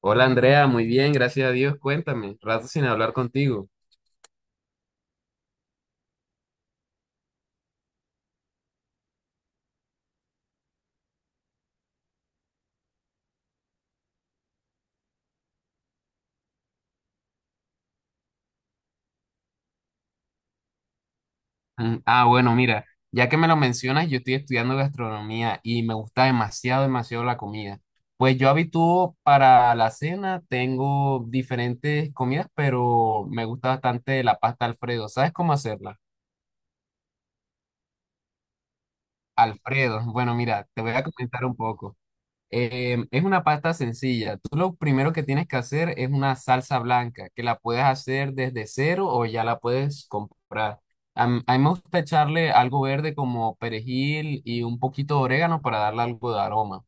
Hola Andrea, muy bien, gracias a Dios. Cuéntame, rato sin hablar contigo. Ah, bueno, mira, ya que me lo mencionas, yo estoy estudiando gastronomía y me gusta demasiado, demasiado la comida. Pues yo habitúo para la cena, tengo diferentes comidas, pero me gusta bastante la pasta Alfredo. ¿Sabes cómo hacerla? Alfredo, bueno, mira, te voy a comentar un poco. Es una pasta sencilla. Tú lo primero que tienes que hacer es una salsa blanca, que la puedes hacer desde cero o ya la puedes comprar. A mí me gusta echarle algo verde como perejil y un poquito de orégano para darle algo de aroma.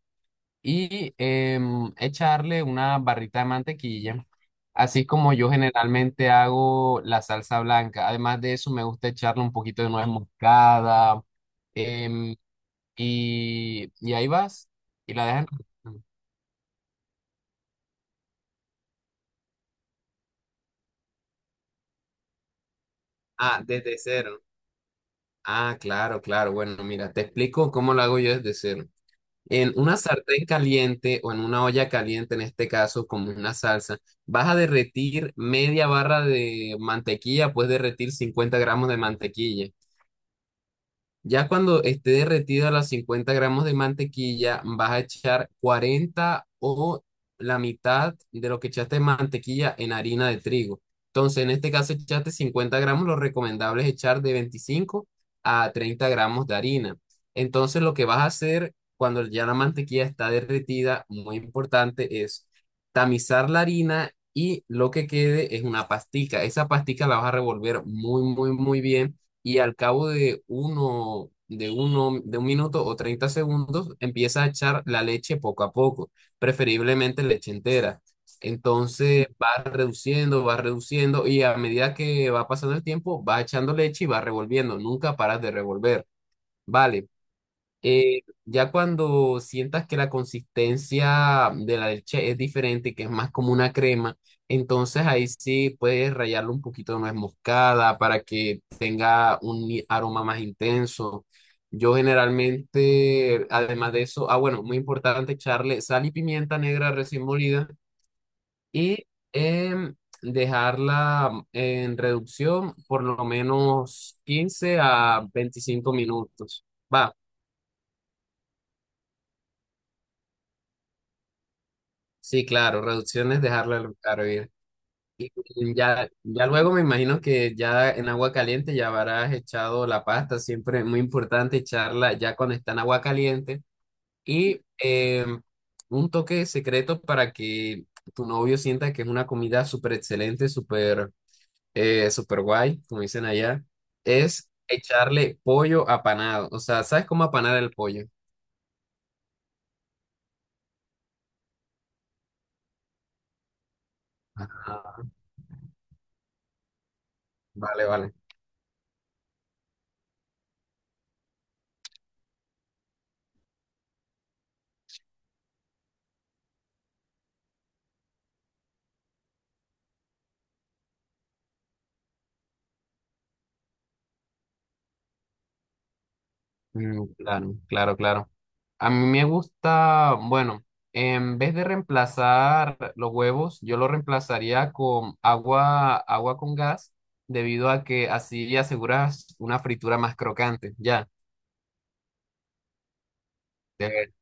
Y echarle una barrita de mantequilla, así como yo generalmente hago la salsa blanca. Además de eso, me gusta echarle un poquito de nuez moscada. em, y ahí vas y la dejan. Ah, desde cero. Ah, claro, claro. Bueno, mira, te explico cómo lo hago yo desde cero. En una sartén caliente o en una olla caliente, en este caso, como una salsa, vas a derretir media barra de mantequilla, puedes derretir 50 gramos de mantequilla. Ya cuando esté derretida las 50 gramos de mantequilla, vas a echar 40 o la mitad de lo que echaste de mantequilla en harina de trigo. Entonces, en este caso, echaste 50 gramos, lo recomendable es echar de 25 a 30 gramos de harina. Entonces, lo que vas a hacer cuando ya la mantequilla está derretida, muy importante, es tamizar la harina y lo que quede es una pastica. Esa pastica la vas a revolver muy, muy, muy bien y al cabo de un minuto o 30 segundos empieza a echar la leche poco a poco, preferiblemente leche entera. Entonces va reduciendo y a medida que va pasando el tiempo va echando leche y va revolviendo, nunca paras de revolver. Vale, ya cuando sientas que la consistencia de la leche es diferente, que es más como una crema, entonces ahí sí puedes rallarle un poquito de nuez moscada para que tenga un aroma más intenso. Yo generalmente, además de eso, ah, bueno, muy importante echarle sal y pimienta negra recién molida y em, dejarla en reducción por lo menos 15 a 25 minutos. Va. Sí, claro, reducción es dejarla al hervir. Ya, ya luego me imagino que ya en agua caliente ya habrás echado la pasta, siempre muy importante echarla ya cuando está en agua caliente. Y un toque secreto para que tu novio sienta que es una comida súper excelente, súper súper guay, como dicen allá, es echarle pollo apanado. O sea, ¿sabes cómo apanar el pollo? Ajá. Vale, vale. Mm, claro, claro, claro. A mí me gusta, bueno, en vez de reemplazar los huevos, yo lo reemplazaría con agua, agua con gas, debido a que así aseguras una fritura más crocante. Ya, te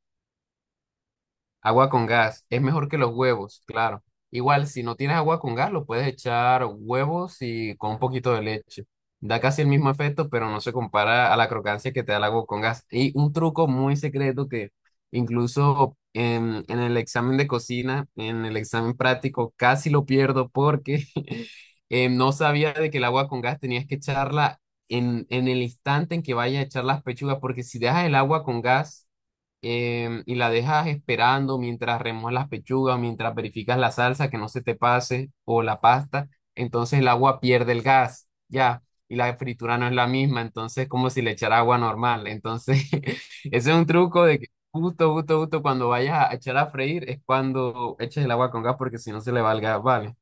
Agua con gas es mejor que los huevos, claro. Igual, si no tienes agua con gas, lo puedes echar huevos y con un poquito de leche. Da casi el mismo efecto, pero no se compara a la crocancia que te da el agua con gas. Y un truco muy secreto que incluso en el examen de cocina, en el examen práctico, casi lo pierdo porque no sabía de que el agua con gas tenías que echarla en el instante en que vaya a echar las pechugas, porque si dejas el agua con gas y la dejas esperando mientras remojas las pechugas, mientras verificas la salsa que no se te pase o la pasta, entonces el agua pierde el gas, ya, y la fritura no es la misma, entonces es como si le echara agua normal, entonces ese es un truco de que justo, justo, justo cuando vayas a echar a freír es cuando eches el agua con gas porque si no se le va el gas, ¿vale?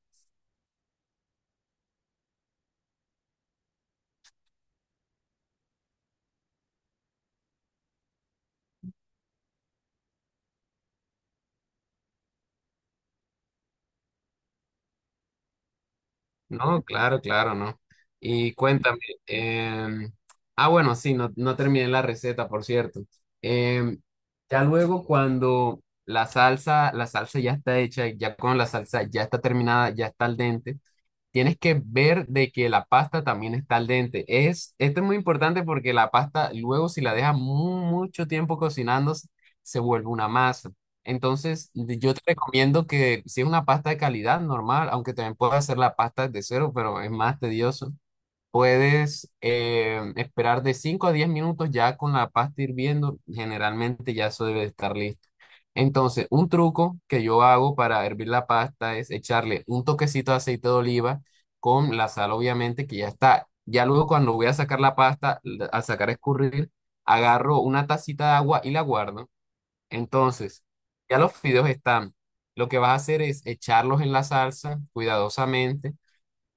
No, claro, claro, no. Y cuéntame, em, ah, bueno, sí, no, no terminé la receta, por cierto. Em, ya luego cuando la salsa ya está hecha, ya con la salsa ya está terminada, ya está al dente. Tienes que ver de que la pasta también está al dente. Esto es muy importante porque la pasta luego si la dejas mucho tiempo cocinando se vuelve una masa. Entonces yo te recomiendo que si es una pasta de calidad normal, aunque también puedes hacer la pasta de cero, pero es más tedioso. Puedes esperar de 5 a 10 minutos ya con la pasta hirviendo. Generalmente ya eso debe de estar listo. Entonces, un truco que yo hago para hervir la pasta es echarle un toquecito de aceite de oliva con la sal, obviamente, que ya está. Ya luego cuando voy a sacar la pasta, al sacar a escurrir, agarro una tacita de agua y la guardo. Entonces, ya los fideos están. Lo que vas a hacer es echarlos en la salsa cuidadosamente,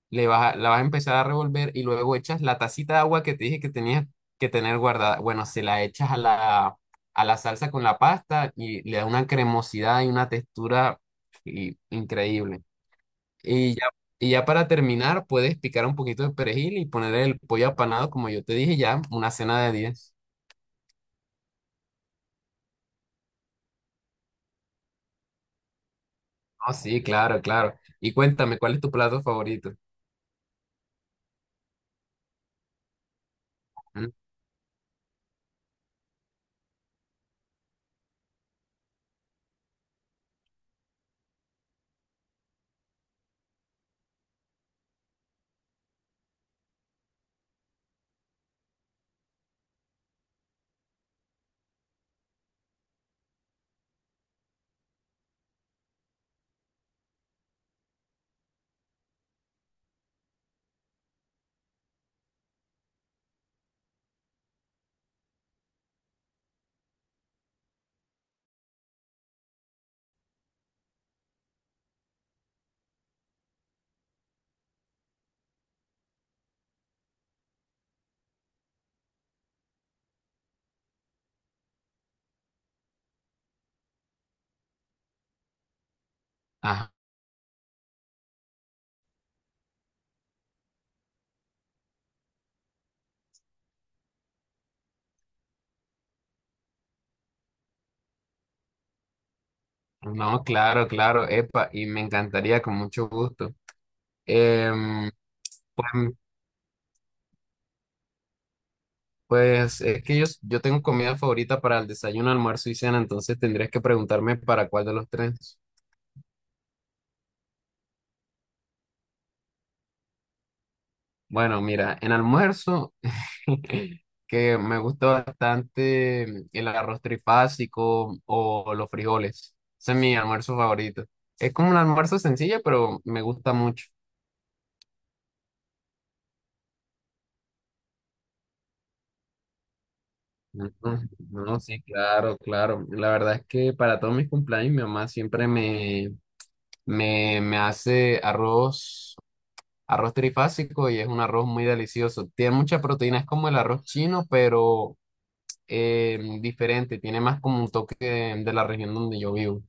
la vas a empezar a revolver y luego echas la tacita de agua que te dije que tenías que tener guardada. Bueno, se la echas a la salsa con la pasta y le da una cremosidad y una textura increíble. Y ya, y ya para terminar, puedes picar un poquito de perejil y poner el pollo apanado, como yo te dije ya, una cena de diez. Oh, sí, claro, claro. Y cuéntame, ¿cuál es tu plato favorito? Mm. Ajá. No, claro, claro, epa, y me encantaría con mucho gusto. Em, pues, Pues es que yo tengo comida favorita para el desayuno, almuerzo y cena, entonces tendrías que preguntarme para cuál de los tres. Bueno, mira, en almuerzo, que me gusta bastante el arroz trifásico o los frijoles. Ese es mi almuerzo favorito. Es como un almuerzo sencillo, pero me gusta mucho. Ujú. No, sí, claro, claro. La verdad es que para todos mis cumpleaños mi mamá siempre me, me hace arroz. Arroz trifásico y es un arroz muy delicioso. Tiene mucha proteína, es como el arroz chino, pero diferente. Tiene más como un toque de, la región donde yo vivo.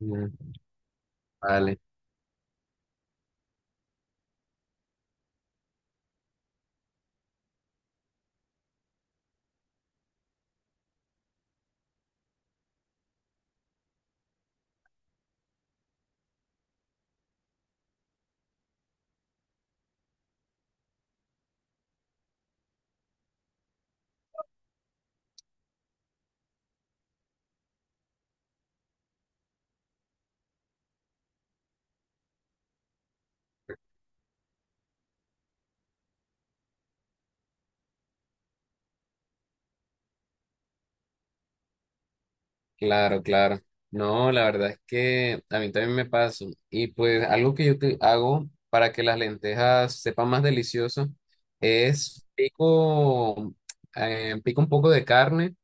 Mm, vale, claro, claro. No, la verdad es que a mí también me pasa. Y pues algo que yo hago para que las lentejas sepan más delicioso es pico un poco de carne.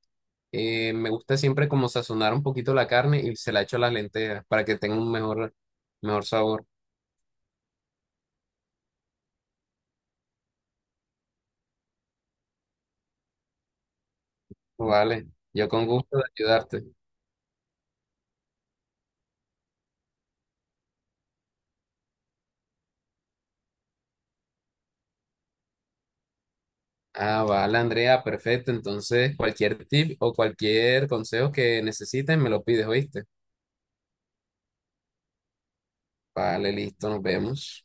Me gusta siempre como sazonar un poquito la carne y se la echo a las lentejas para que tenga un mejor, mejor sabor. Vale, yo con gusto de ayudarte. Ah, vale, Andrea, perfecto. Entonces, cualquier tip o cualquier consejo que necesites, me lo pides, ¿oíste? Vale, listo, nos vemos.